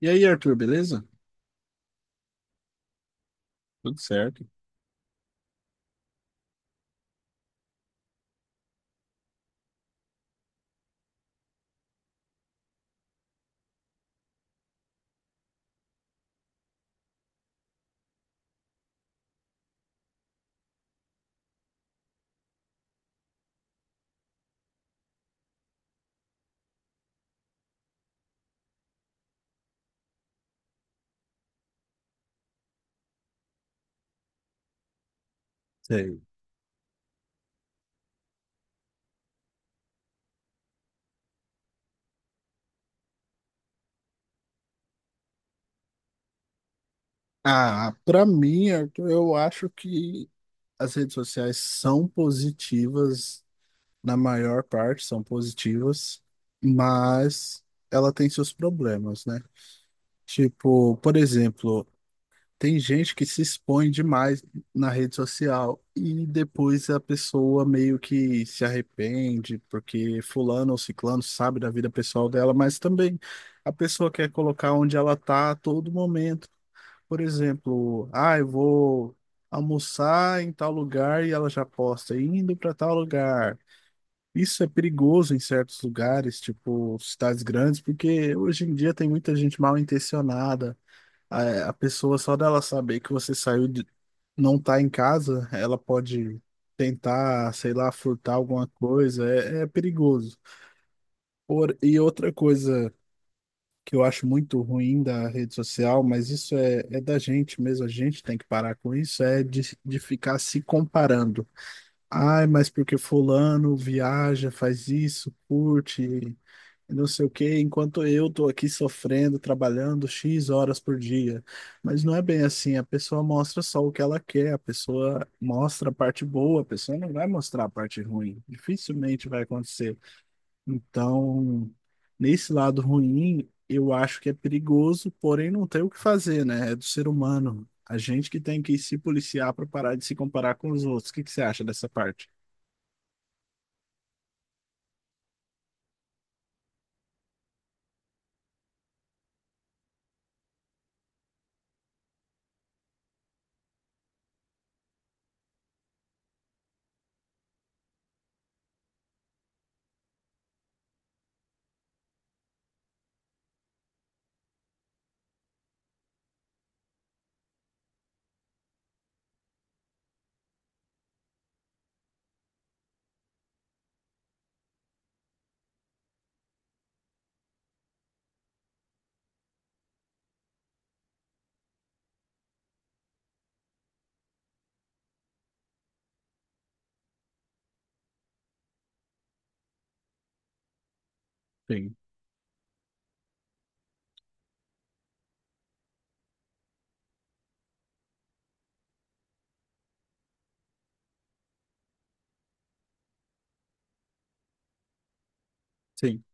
E aí, Arthur, beleza? Tudo certo. Sei. Ah, pra mim, Arthur, eu acho que as redes sociais são positivas, na maior parte são positivas, mas ela tem seus problemas, né? Tipo, por exemplo, tem gente que se expõe demais na rede social e depois a pessoa meio que se arrepende porque fulano ou ciclano sabe da vida pessoal dela, mas também a pessoa quer colocar onde ela tá a todo momento. Por exemplo, ah, eu vou almoçar em tal lugar e ela já posta indo para tal lugar. Isso é perigoso em certos lugares, tipo cidades grandes, porque hoje em dia tem muita gente mal intencionada a pessoa, só dela saber que você saiu de, não tá em casa, ela pode tentar, sei lá, furtar alguma coisa, é perigoso. Por, e outra coisa que eu acho muito ruim da rede social, mas isso é, é da gente mesmo, a gente tem que parar com isso, é de ficar se comparando. Ai, mas porque fulano viaja, faz isso, curte não sei o quê, enquanto eu tô aqui sofrendo, trabalhando X horas por dia. Mas não é bem assim, a pessoa mostra só o que ela quer, a pessoa mostra a parte boa, a pessoa não vai mostrar a parte ruim, dificilmente vai acontecer. Então, nesse lado ruim, eu acho que é perigoso, porém não tem o que fazer, né? É do ser humano. A gente que tem que se policiar para parar de se comparar com os outros. O que que você acha dessa parte? Sim, sim.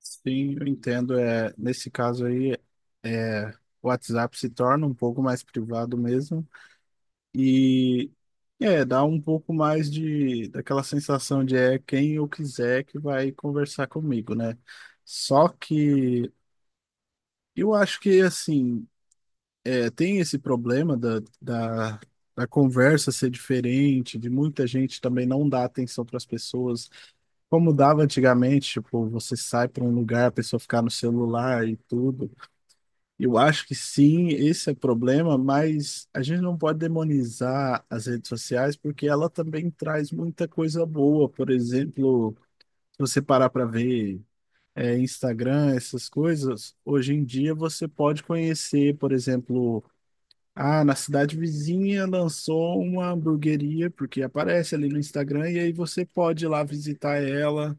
Sim, eu entendo. É, nesse caso aí, é, o WhatsApp se torna um pouco mais privado mesmo e, é, dá um pouco mais de daquela sensação de é quem eu quiser que vai conversar comigo, né? Só que eu acho que assim, é, tem esse problema da conversa ser diferente, de muita gente também não dar atenção para as pessoas, como dava antigamente, tipo, você sai para um lugar, a pessoa ficar no celular e tudo. Eu acho que sim, esse é o problema, mas a gente não pode demonizar as redes sociais porque ela também traz muita coisa boa. Por exemplo, se você parar para ver, é, Instagram, essas coisas, hoje em dia você pode conhecer, por exemplo, ah, na cidade vizinha lançou uma hamburgueria, porque aparece ali no Instagram, e aí você pode ir lá visitar ela.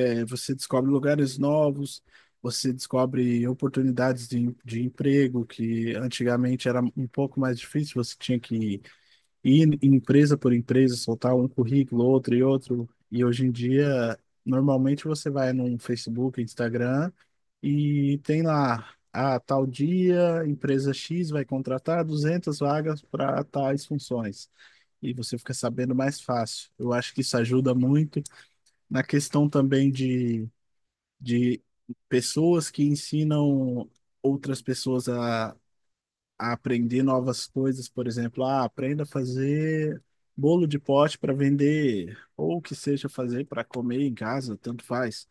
É, você descobre lugares novos, você descobre oportunidades de emprego que antigamente era um pouco mais difícil, você tinha que ir em empresa por empresa, soltar um currículo, outro e outro. E hoje em dia, normalmente você vai no Facebook, Instagram e tem lá, a tal dia, empresa X vai contratar 200 vagas para tais funções. E você fica sabendo mais fácil. Eu acho que isso ajuda muito na questão também de pessoas que ensinam outras pessoas a aprender novas coisas, por exemplo, ah, aprenda a fazer bolo de pote para vender, ou que seja fazer para comer em casa, tanto faz.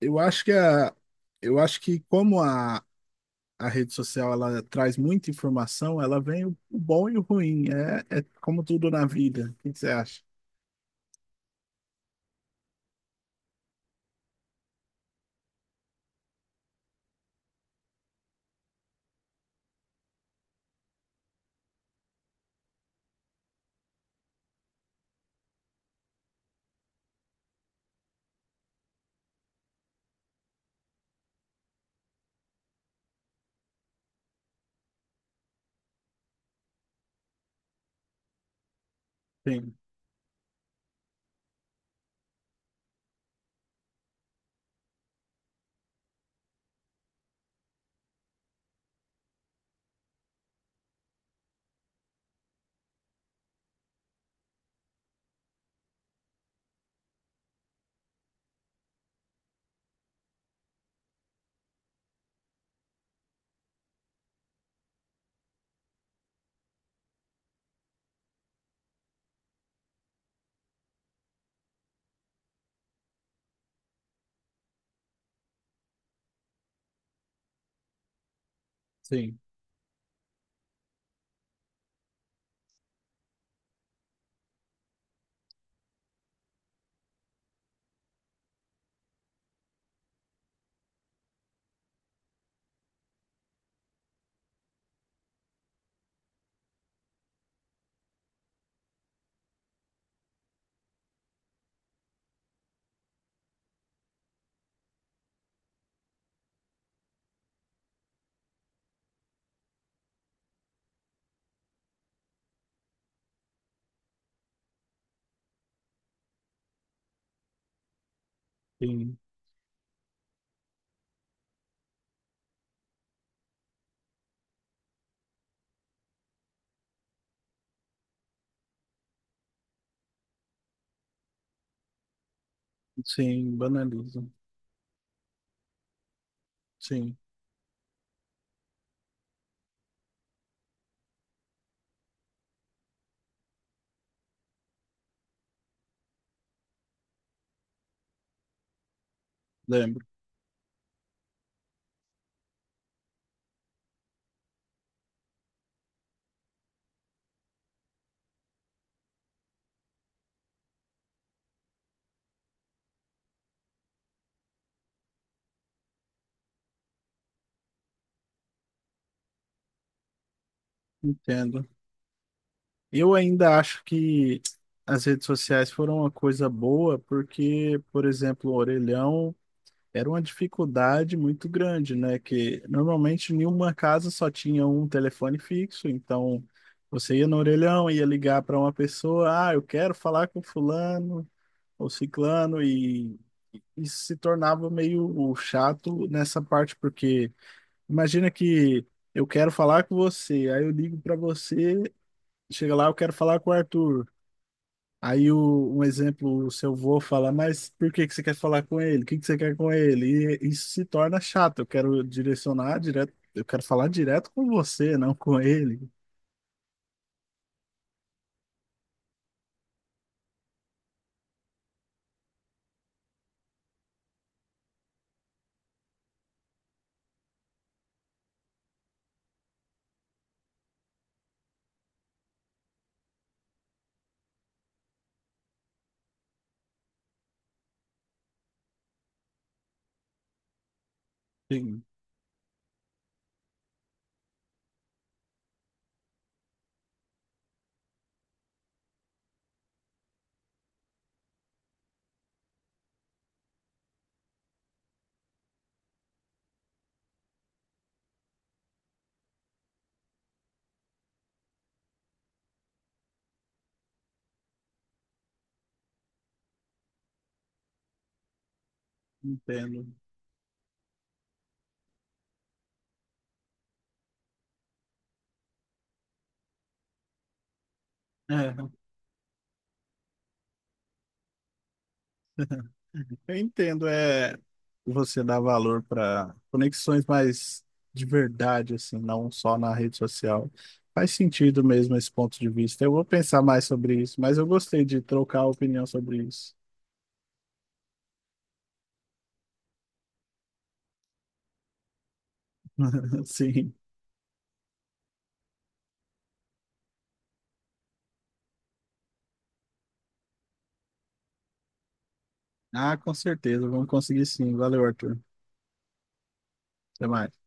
Eu acho que a, eu acho que como a rede social, ela traz muita informação, ela vem o bom e o ruim, é, é como tudo na vida. O que que você acha? Sim, sim, sim, sim, banaliza. Sim, lembro, entendo. Eu ainda acho que as redes sociais foram uma coisa boa, porque, por exemplo, o orelhão era uma dificuldade muito grande, né? Que normalmente nenhuma casa só tinha um telefone fixo, então você ia no orelhão, ia ligar para uma pessoa, ah, eu quero falar com fulano ou ciclano, e isso se tornava meio chato nessa parte, porque imagina que eu quero falar com você, aí eu ligo para você, chega lá, eu quero falar com o Arthur. Aí o, um exemplo, o seu avô fala, mas por que que você quer falar com ele? O que que você quer com ele? E isso se torna chato. Eu quero direcionar direto, eu quero falar direto com você, não com ele. Sim, entendo. É, eu entendo, é você dar valor para conexões mais de verdade, assim, não só na rede social. Faz sentido mesmo esse ponto de vista. Eu vou pensar mais sobre isso, mas eu gostei de trocar a opinião sobre isso. Sim. Ah, com certeza. Vamos conseguir sim. Valeu, Arthur. Até mais.